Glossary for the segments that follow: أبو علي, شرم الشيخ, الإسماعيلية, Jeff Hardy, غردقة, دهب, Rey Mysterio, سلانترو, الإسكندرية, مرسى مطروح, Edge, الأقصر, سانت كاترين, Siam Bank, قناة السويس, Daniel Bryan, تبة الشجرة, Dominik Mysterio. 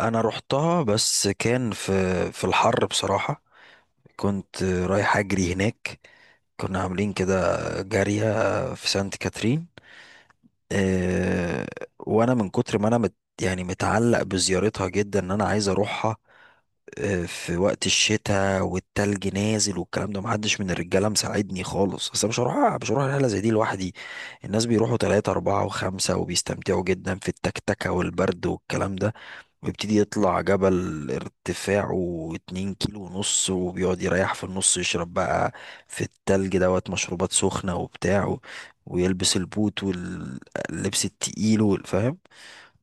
انا رحتها، بس كان في الحر بصراحة. كنت رايح اجري هناك، كنا عاملين كده جارية في سانت كاترين. آه، وانا من كتر ما انا مت يعني متعلق بزيارتها جدا ان انا عايز اروحها. في وقت الشتاء والتلج نازل والكلام ده، محدش من الرجاله مساعدني خالص، اصل مش هروح رحله زي دي لوحدي. الناس بيروحوا تلاتة أربعة وخمسة وبيستمتعوا جدا في التكتكة والبرد والكلام ده. ويبتدي يطلع جبل ارتفاعه 2 كيلو ونص، وبيقعد يريح في النص، يشرب بقى في التلج دوت مشروبات سخنة وبتاع ويلبس البوت واللبس التقيل فاهم؟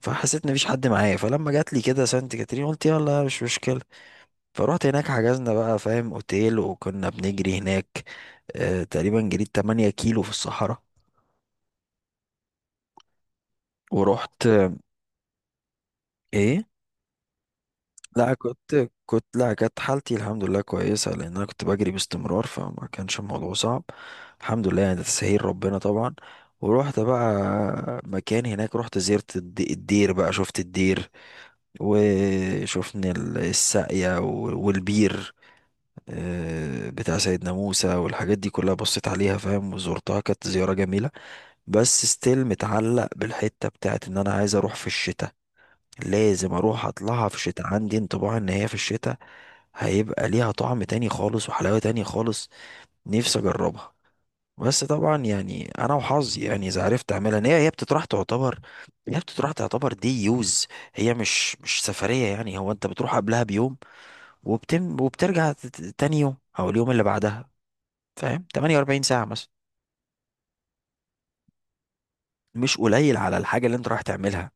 فحسيت ان مفيش حد معايا، فلما جات لي كده سانت كاترين قلت يلا مش مشكلة. فروحت هناك، حجزنا بقى فاهم اوتيل، وكنا بنجري هناك. اه تقريبا جريت 8 كيلو في الصحراء. ورحت. ايه، لا كنت كنت لا كانت حالتي الحمد لله كويسة، لأن أنا كنت بجري باستمرار، فما كانش الموضوع صعب. الحمد لله، يعني ده تسهيل ربنا طبعا. ورحت بقى مكان هناك، رحت زرت الدير بقى، شفت الدير. وشفنا الساقية والبير. بتاع سيدنا موسى والحاجات دي كلها، بصيت عليها فاهم، وزرتها، كانت زيارة جميلة. بس ستيل متعلق بالحتة بتاعت إن أنا عايز أروح في الشتاء. لازم اروح اطلعها في الشتاء، عندي انطباع ان هي في الشتاء هيبقى ليها طعم تاني خالص وحلاوة تاني خالص. نفسي اجربها. بس طبعا يعني انا وحظي، يعني اذا عرفت اعملها، إن هي بتطرح تعتبر. هي بتطرح تعتبر دي يوز. هي مش سفرية، يعني هو انت بتروح قبلها بيوم وبتم وبترجع تاني يوم او اليوم اللي بعدها. فاهم؟ 48 ساعة مثلا. مش قليل على الحاجة اللي انت رايح تعملها.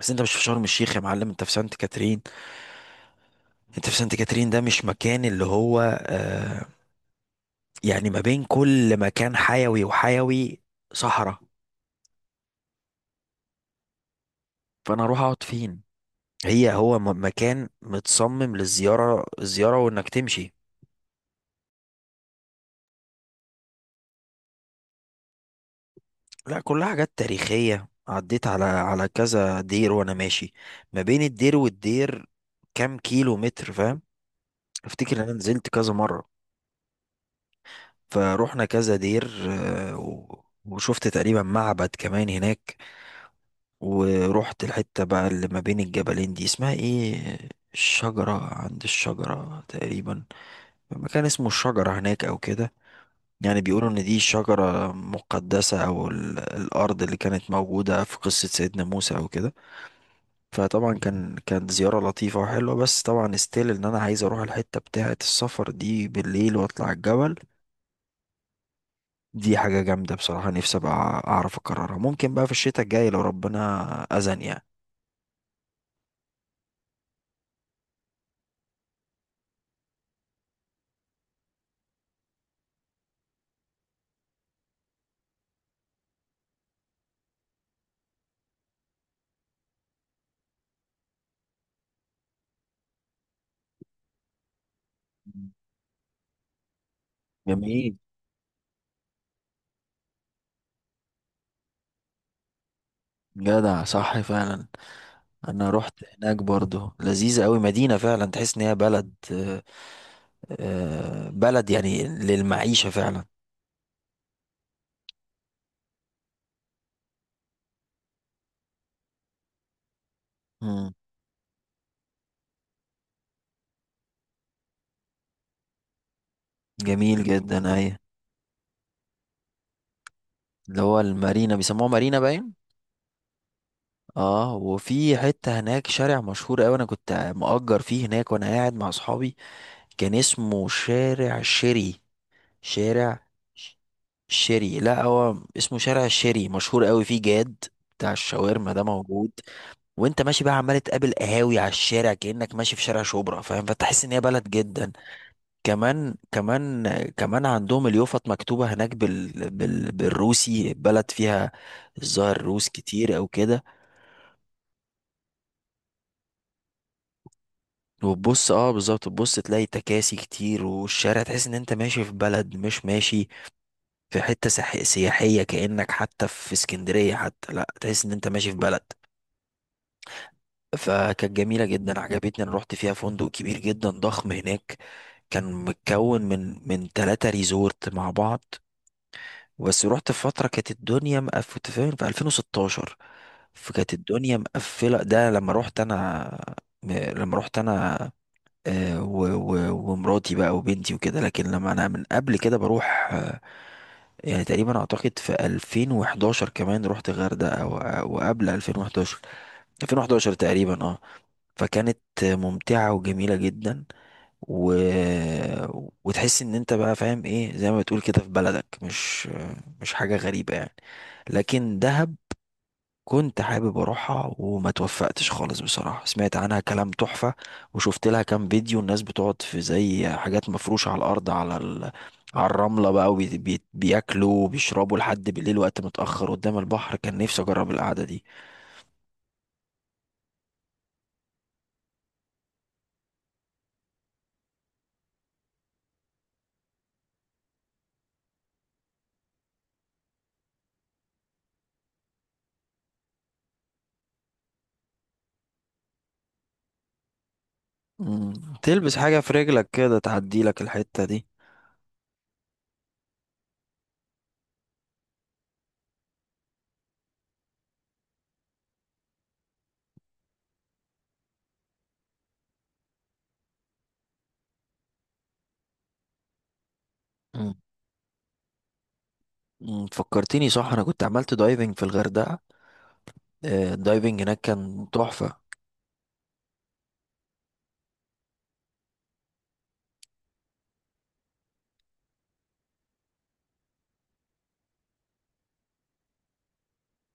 بس انت مش في شرم الشيخ يا معلم، انت في سانت كاترين. انت في سانت كاترين، ده مش مكان اللي هو. آه، يعني ما بين كل مكان حيوي وحيوي صحراء. فانا اروح اقعد فين؟ هي هو مكان متصمم للزيارة الزيارة وانك تمشي. لا، كلها حاجات تاريخية، عديت على كذا دير وانا ماشي. ما بين الدير والدير كام كيلو متر، فاهم؟ افتكر ان انا نزلت كذا مرة. فروحنا كذا دير، وشفت تقريبا معبد كمان هناك. ورحت الحتة بقى اللي ما بين الجبلين دي اسمها ايه، الشجرة، عند الشجرة تقريبا. مكان اسمه الشجرة هناك او كده. يعني بيقولوا ان دي شجرة مقدسة، او الارض اللي كانت موجودة في قصة سيدنا موسى او كده. فطبعا كانت زيارة لطيفة وحلوة، بس طبعا استيل ان انا عايز اروح الحتة بتاعة السفر دي بالليل واطلع الجبل. دي حاجة جامدة بصراحة، نفسي ابقى اعرف اكررها، ممكن بقى في الشتاء الجاي لو ربنا اذن يعني. جميل. جدع، صح فعلا. انا رحت هناك برضو، لذيذة قوي، مدينة فعلا تحس ان هي بلد. بلد يعني للمعيشة فعلا. مم. جميل جدا، اي. اللي هو المارينا بيسموها مارينا باين. اه، وفي حتة هناك شارع مشهور قوي، انا كنت مؤجر فيه هناك وانا قاعد مع اصحابي. كان اسمه شارع شيري. شارع ش- شيري. لا، هو اسمه شارع شيري، مشهور قوي، فيه جاد بتاع الشاورما ده موجود. وانت ماشي بقى عمال تقابل قهاوي على الشارع كأنك ماشي في شارع شبرا، فاهم؟ فتحس ان هي بلد جدا. كمان كمان. كمان عندهم اليوفط مكتوبة هناك بالروسي، بلد فيها الظاهر روس كتير او كده. وتبص، اه بالظبط، تبص تلاقي تكاسي كتير، والشارع تحس ان انت ماشي في بلد، مش ماشي في حتة سياحية، كأنك حتى في اسكندرية حتى، لا تحس ان انت ماشي في بلد. فكانت جميلة جدا عجبتني. انا رحت فيها فندق كبير جدا ضخم هناك، كان متكون من ثلاثة ريزورت مع بعض. بس رحت في فترة كانت الدنيا مقفلة، فاهم؟ في 2016. فكانت الدنيا مقفلة ده لما رحت انا، لما رحت انا. ومراتي بقى وبنتي وكده. لكن لما انا من قبل كده بروح، يعني تقريبا اعتقد في 2011 كمان رحت غردقة وقبل 2011، 2011 تقريبا، اه. فكانت ممتعة وجميلة جدا. و... وتحس ان انت بقى فاهم ايه، زي ما بتقول كده في بلدك، مش حاجة غريبة يعني. لكن دهب كنت حابب اروحها وما توفقتش خالص بصراحة، سمعت عنها كلام تحفة. وشفت لها كام فيديو، الناس بتقعد في زي حاجات مفروشة على الارض، على الرملة بقى، بياكلوا وبيشربوا لحد بالليل وقت متأخر قدام البحر. كان نفسي اجرب القعدة دي. مم. تلبس حاجة في رجلك كده تعدي لك الحتة دي. فكرتني صح، انا كنت عملت دايفنج في الغردقه. الدايفنج هناك كان تحفه.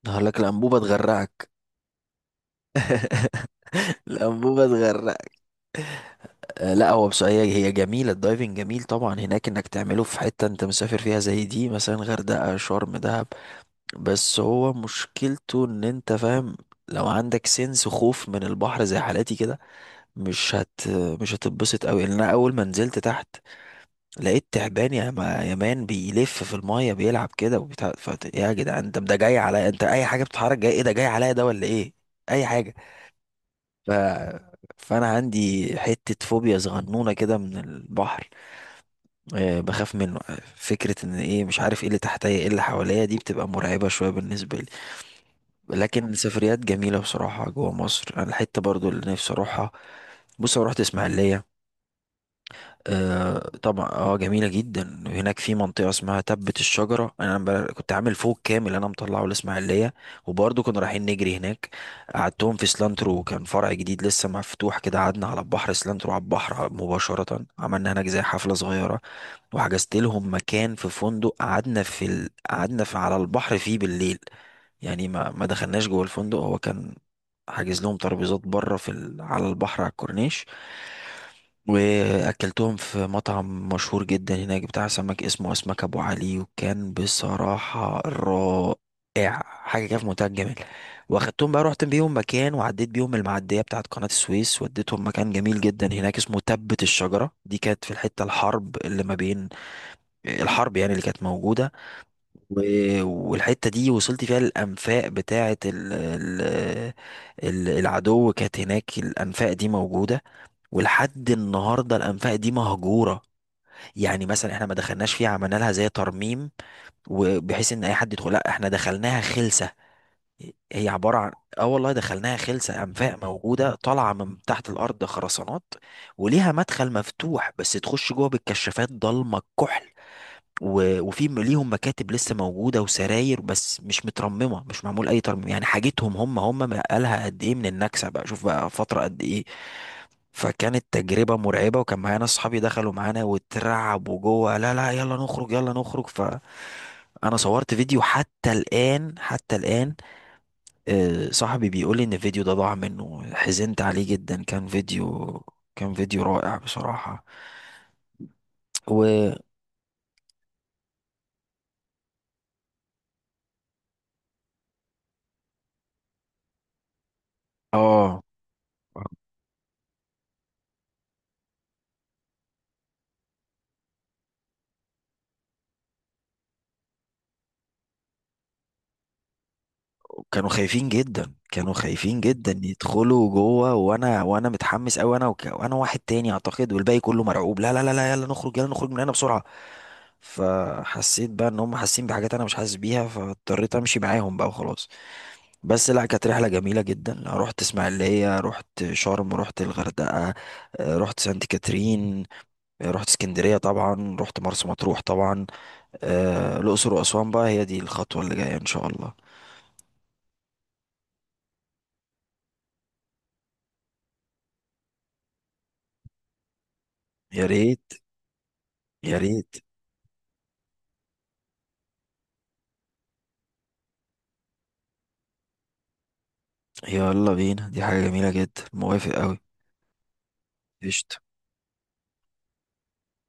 هقول لك الانبوبه تغرقك. الانبوبه تغرقك. لا، هو بس هي جميله، الدايفنج جميل طبعا، هناك انك تعمله في حته انت مسافر فيها زي دي، مثلا غردقه، شرم، دهب. بس هو مشكلته ان انت فاهم، لو عندك سنس خوف من البحر زي حالاتي كده، مش هت مش هتتبسط قوي. لان انا اول ما نزلت تحت لقيت تعبان يا ما يا مان بيلف في المية بيلعب كده وبتاع يا جدعان انت ده جاي عليا، انت اي حاجة بتتحرك جاي، ايه ده جاي عليا ده ولا ايه؟ اي حاجة. ف... فانا عندي حتة فوبيا صغنونة كده من البحر. أه بخاف منه، فكرة ان ايه مش عارف ايه اللي تحتيا ايه اللي حواليا، دي بتبقى مرعبة شوية بالنسبة لي. لكن السفريات جميلة بصراحة جوا مصر، انا الحتة برضو اللي نفسي اروحها. بص انا رحت اسماعيلية. آه طبعا، اه جميلة جدا، هناك في منطقة اسمها تبة الشجرة. انا كنت عامل فوق كامل انا مطلعه الاسماعيلية، وبرضه كنا رايحين نجري هناك. قعدتهم في سلانترو، كان فرع جديد لسه مفتوح كده، قعدنا على البحر، سلانترو على البحر مباشرة، عملنا هناك زي حفلة صغيرة. وحجزت لهم مكان في فندق، قعدنا في قعدنا في على البحر فيه بالليل. يعني ما دخلناش جوه الفندق، هو كان حاجز لهم ترابيزات بره في على البحر على الكورنيش. واكلتهم في مطعم مشهور جدا هناك بتاع سمك اسمه اسمك ابو علي، وكان بصراحة رائع، حاجة كده في منتهى الجمال. واخدتهم بقى، رحت بيهم مكان، وعديت بيهم المعدية بتاعت قناة السويس، وديتهم مكان جميل جدا هناك اسمه تبت الشجرة. دي كانت في الحتة الحرب اللي ما بين، الحرب يعني اللي كانت موجودة. و- والحتة دي وصلت فيها الأنفاق بتاعت العدو، كانت هناك الأنفاق دي موجودة. ولحد النهارده الانفاق دي مهجوره، يعني مثلا احنا ما دخلناش فيها عملنا لها زي ترميم وبحيث ان اي حد يدخل. لا، احنا دخلناها خلسه. هي عباره عن، اه والله دخلناها خلسه، انفاق موجوده طالعه من تحت الارض، خرسانات، وليها مدخل مفتوح، بس تخش جوه بالكشافات ضلمه الكحل. وفي ليهم مكاتب لسه موجوده وسراير، بس مش مترممه، مش معمول اي ترميم، يعني حاجتهم هم بقالها قد ايه من النكسه بقى، شوف بقى فتره قد ايه. فكانت تجربة مرعبة، وكان معانا اصحابي دخلوا معانا واترعبوا جوه: لا لا يلا نخرج يلا نخرج. فانا صورت فيديو حتى الآن، حتى الآن. صاحبي بيقول لي ان الفيديو ده ضاع منه، حزنت عليه جدا، كان فيديو، كان فيديو رائع بصراحة. و اه، كانوا خايفين جدا، كانوا خايفين جدا يدخلوا جوه، وانا متحمس قوي، انا وانا واحد تاني اعتقد، والباقي كله مرعوب: لا لا لا لا، يلا نخرج يلا نخرج من هنا بسرعه. فحسيت بقى ان هم حاسين بحاجات انا مش حاسس بيها، فاضطريت امشي معاهم بقى وخلاص. بس لا، كانت رحله جميله جدا. لا، رحت اسماعيليه، رحت شرم، رحت الغردقه، رحت سانت كاترين، رحت اسكندريه طبعا، رحت مرسى مطروح طبعا، الاقصر واسوان بقى هي دي الخطوه اللي جايه ان شاء الله. يا ريت. يا ريت. يلا بينا، دي حاجة جميلة جدا، موافق أوي. قشطة.